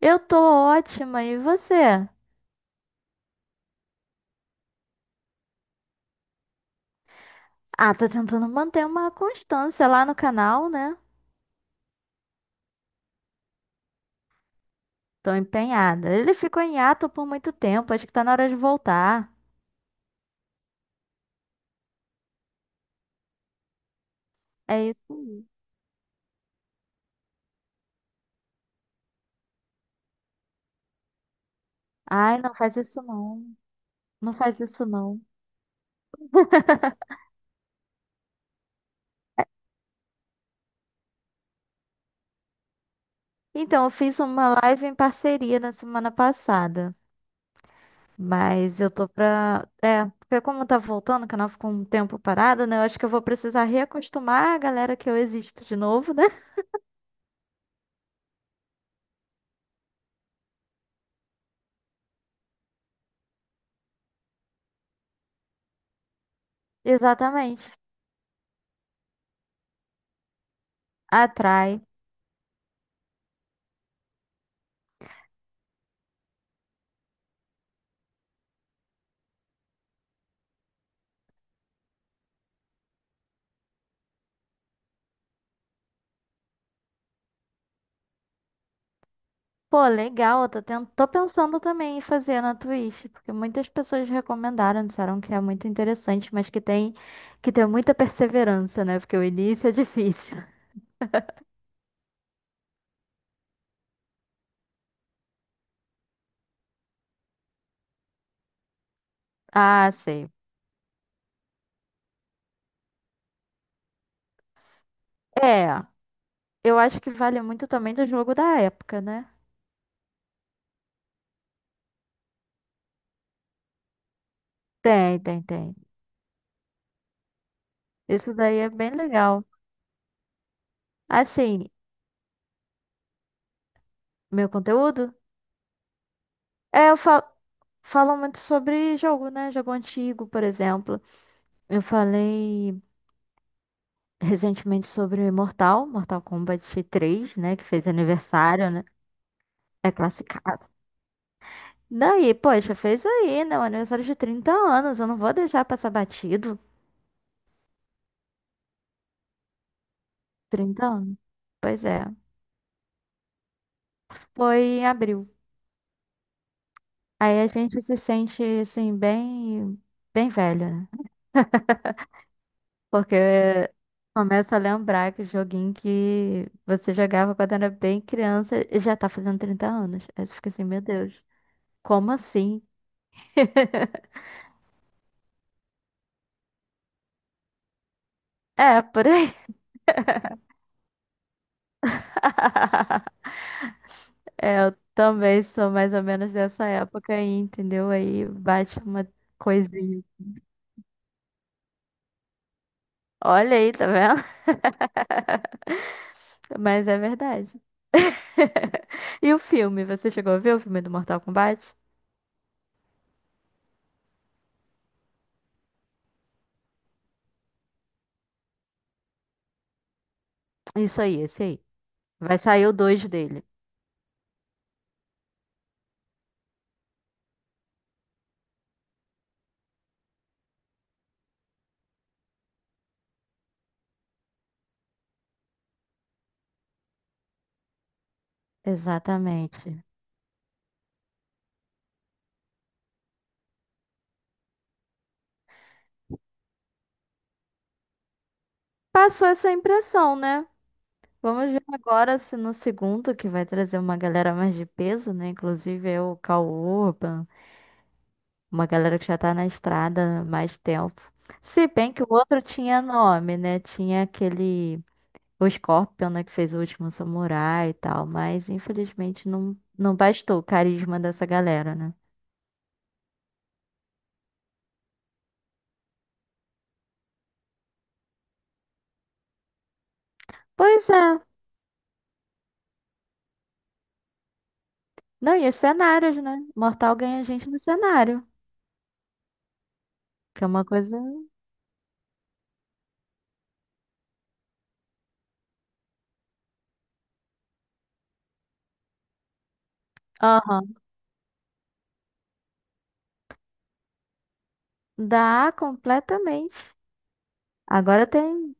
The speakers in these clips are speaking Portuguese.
Eu tô ótima, e você? Ah, tô tentando manter uma constância lá no canal, né? Tô empenhada. Ele ficou em hiato por muito tempo, acho que tá na hora de voltar. É isso aí. Ai, não faz isso não. Não faz isso não. Então, eu fiz uma live em parceria na semana passada. Mas eu tô pra. É, porque como tá voltando, o canal ficou um tempo parado, né? Eu acho que eu vou precisar reacostumar a galera que eu existo de novo, né? Exatamente. Atrai. Pô, legal, eu tô pensando também em fazer na Twitch, porque muitas pessoas recomendaram, disseram que é muito interessante, mas que tem que ter muita perseverança, né? Porque o início é difícil. Ah, sei. É, eu acho que vale muito também do jogo da época, né? Tem, tem, tem. Isso daí é bem legal. Assim, meu conteúdo? É, eu falo, falo muito sobre jogo, né? Jogo antigo, por exemplo. Eu falei recentemente sobre Mortal Kombat 3, né? Que fez aniversário, né? É classicaço. Daí, poxa, fez aí, né? Um aniversário de 30 anos. Eu não vou deixar passar batido. 30 anos. Pois é. Foi em abril. Aí a gente se sente, assim, bem, bem velho, né? Porque começa a lembrar que o joguinho que você jogava quando era bem criança e já tá fazendo 30 anos. Aí você fica assim, meu Deus, como assim? É, por aí. É, eu também sou mais ou menos dessa época aí, entendeu? Aí bate uma coisinha. Olha aí, tá vendo? Mas é verdade. E o filme? Você chegou a ver o filme do Mortal Kombat? Isso aí, esse aí. Vai sair o 2 dele. Exatamente. Passou essa impressão, né? Vamos ver agora se no segundo, que vai trazer uma galera mais de peso, né? Inclusive é o Cal Urban. Uma galera que já tá na estrada há mais tempo. Se bem que o outro tinha nome, né? Tinha aquele. O Scorpion, né? Que fez o último samurai e tal. Mas infelizmente não, não bastou o carisma dessa galera, né? Pois é. Não, e os cenários, né? Mortal ganha gente no cenário. Que é uma coisa. Aham. Dá completamente. Agora tem.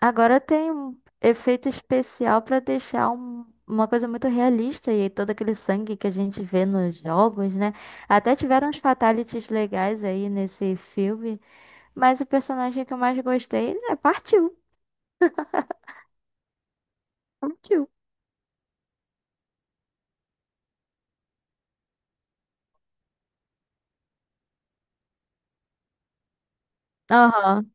Agora tem um efeito especial pra deixar uma coisa muito realista e todo aquele sangue que a gente vê nos jogos, né? Até tiveram uns fatalities legais aí nesse filme, mas o personagem que eu mais gostei, né, partiu, partiu. Aham.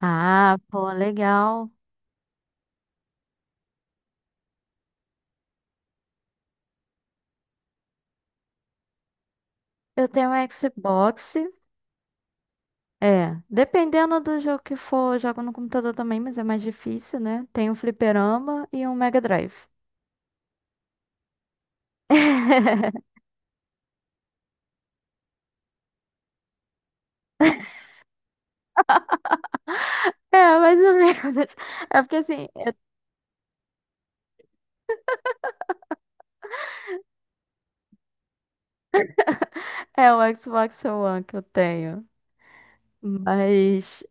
Ah, pô, legal. Eu tenho um Xbox. É, dependendo do jogo que for, eu jogo no computador também, mas é mais difícil, né? Tem um fliperama e um Mega Drive. É, mais ou menos. É porque assim, é o Xbox One que eu tenho. Mas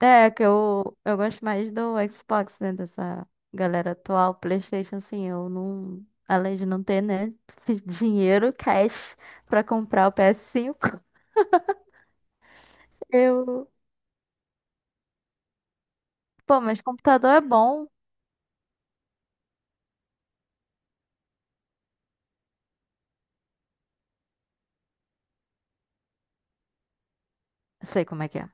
é que eu gosto mais do Xbox, né? Dessa galera atual. PlayStation, assim, eu não. Além de não ter, né? esse dinheiro, cash, pra comprar o PS5, eu. Pô, mas computador é bom. Sei como é que é.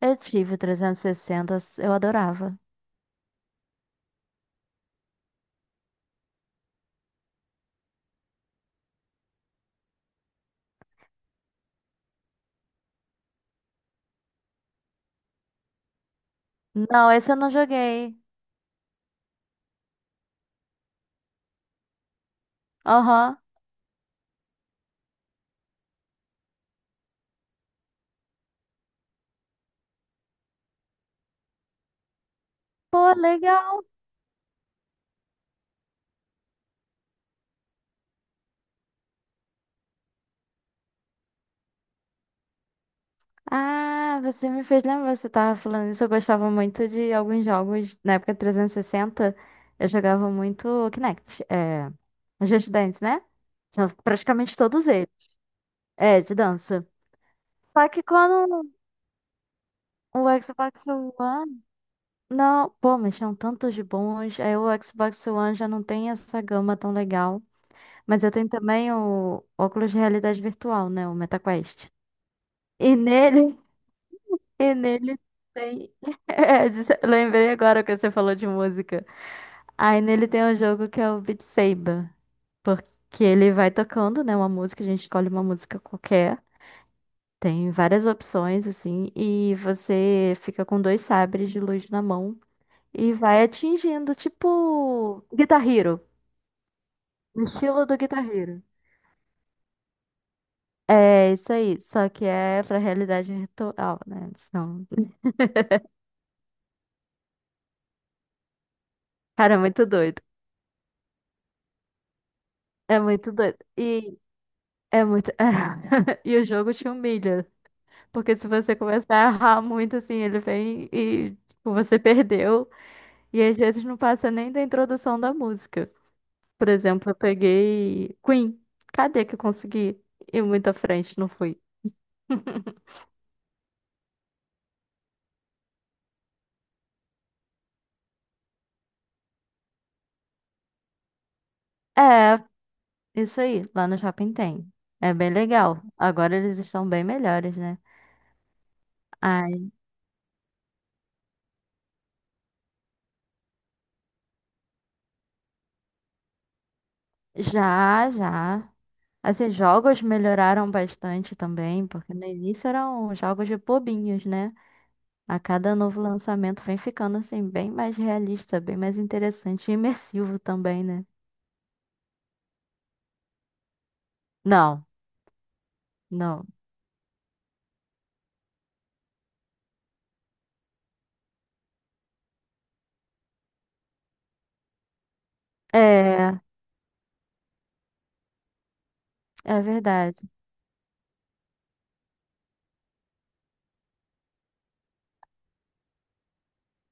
Eu tive o 360, eu adorava. Não, esse eu não joguei. Aham. Pô, legal. Ah, você me fez lembrar, você tava falando isso, eu gostava muito de alguns jogos, na época 360, eu jogava muito Kinect, é, Just Dance, né? Já praticamente todos eles, é, de dança. Só que quando o Xbox One, não, pô, mas são tantos de bons, aí o Xbox One já não tem essa gama tão legal, mas eu tenho também o óculos de realidade virtual, né, o MetaQuest. E nele, e nele tem. É, lembrei agora que você falou de música. Aí nele tem um jogo que é o Beat Saber. Porque ele vai tocando, né? Uma música, a gente escolhe uma música qualquer. Tem várias opções, assim. E você fica com dois sabres de luz na mão. E vai atingindo, tipo Guitar Hero. No estilo do Guitar Hero. É isso aí. Só que é pra realidade virtual, né? Cara, é muito doido. É muito doido. É muito. E o jogo te humilha. Porque se você começar a errar muito, assim, ele vem e tipo, você perdeu. E às vezes não passa nem da introdução da música. Por exemplo, eu peguei Queen. Cadê que eu consegui ir muito à frente? Não fui. É, isso aí. Lá no shopping tem. É bem legal. Agora eles estão bem melhores, né? Ai, já, já. Assim, jogos melhoraram bastante também, porque no início eram jogos de bobinhos, né? A cada novo lançamento vem ficando assim, bem mais realista, bem mais interessante e imersivo também, né? Não, não. É, é verdade.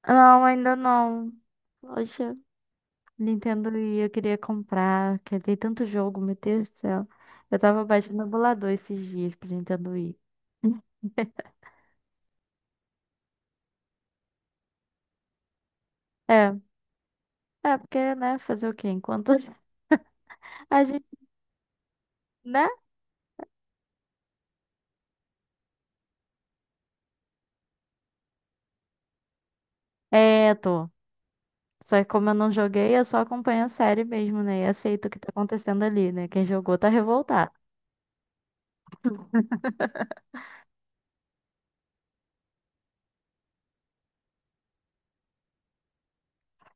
Não, ainda não. Poxa, Nintendo e eu queria comprar, que tem tanto jogo, meu Deus do céu. Eu tava baixando emulador esses dias pra Nintendo Wii. É, é porque, né, fazer o quê? Enquanto a gente, né? É, tô. Só que como eu não joguei, eu só acompanho a série mesmo, né? E aceito o que tá acontecendo ali, né? Quem jogou tá revoltado.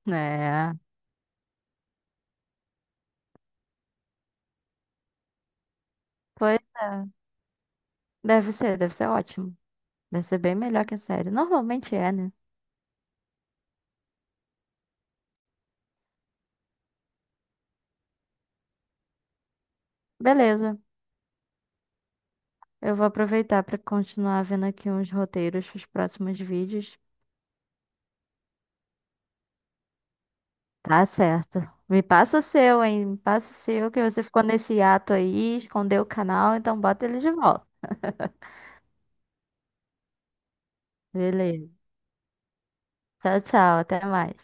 É, pois é. Deve ser ótimo. Deve ser bem melhor que a série. Normalmente é, né? Beleza. Eu vou aproveitar pra continuar vendo aqui uns roteiros pros próximos vídeos. Tá certo. Me passa o seu, hein? Me passa o seu, que você ficou nesse ato aí, escondeu o canal, então bota ele de volta. Beleza. Tchau, tchau. Até mais.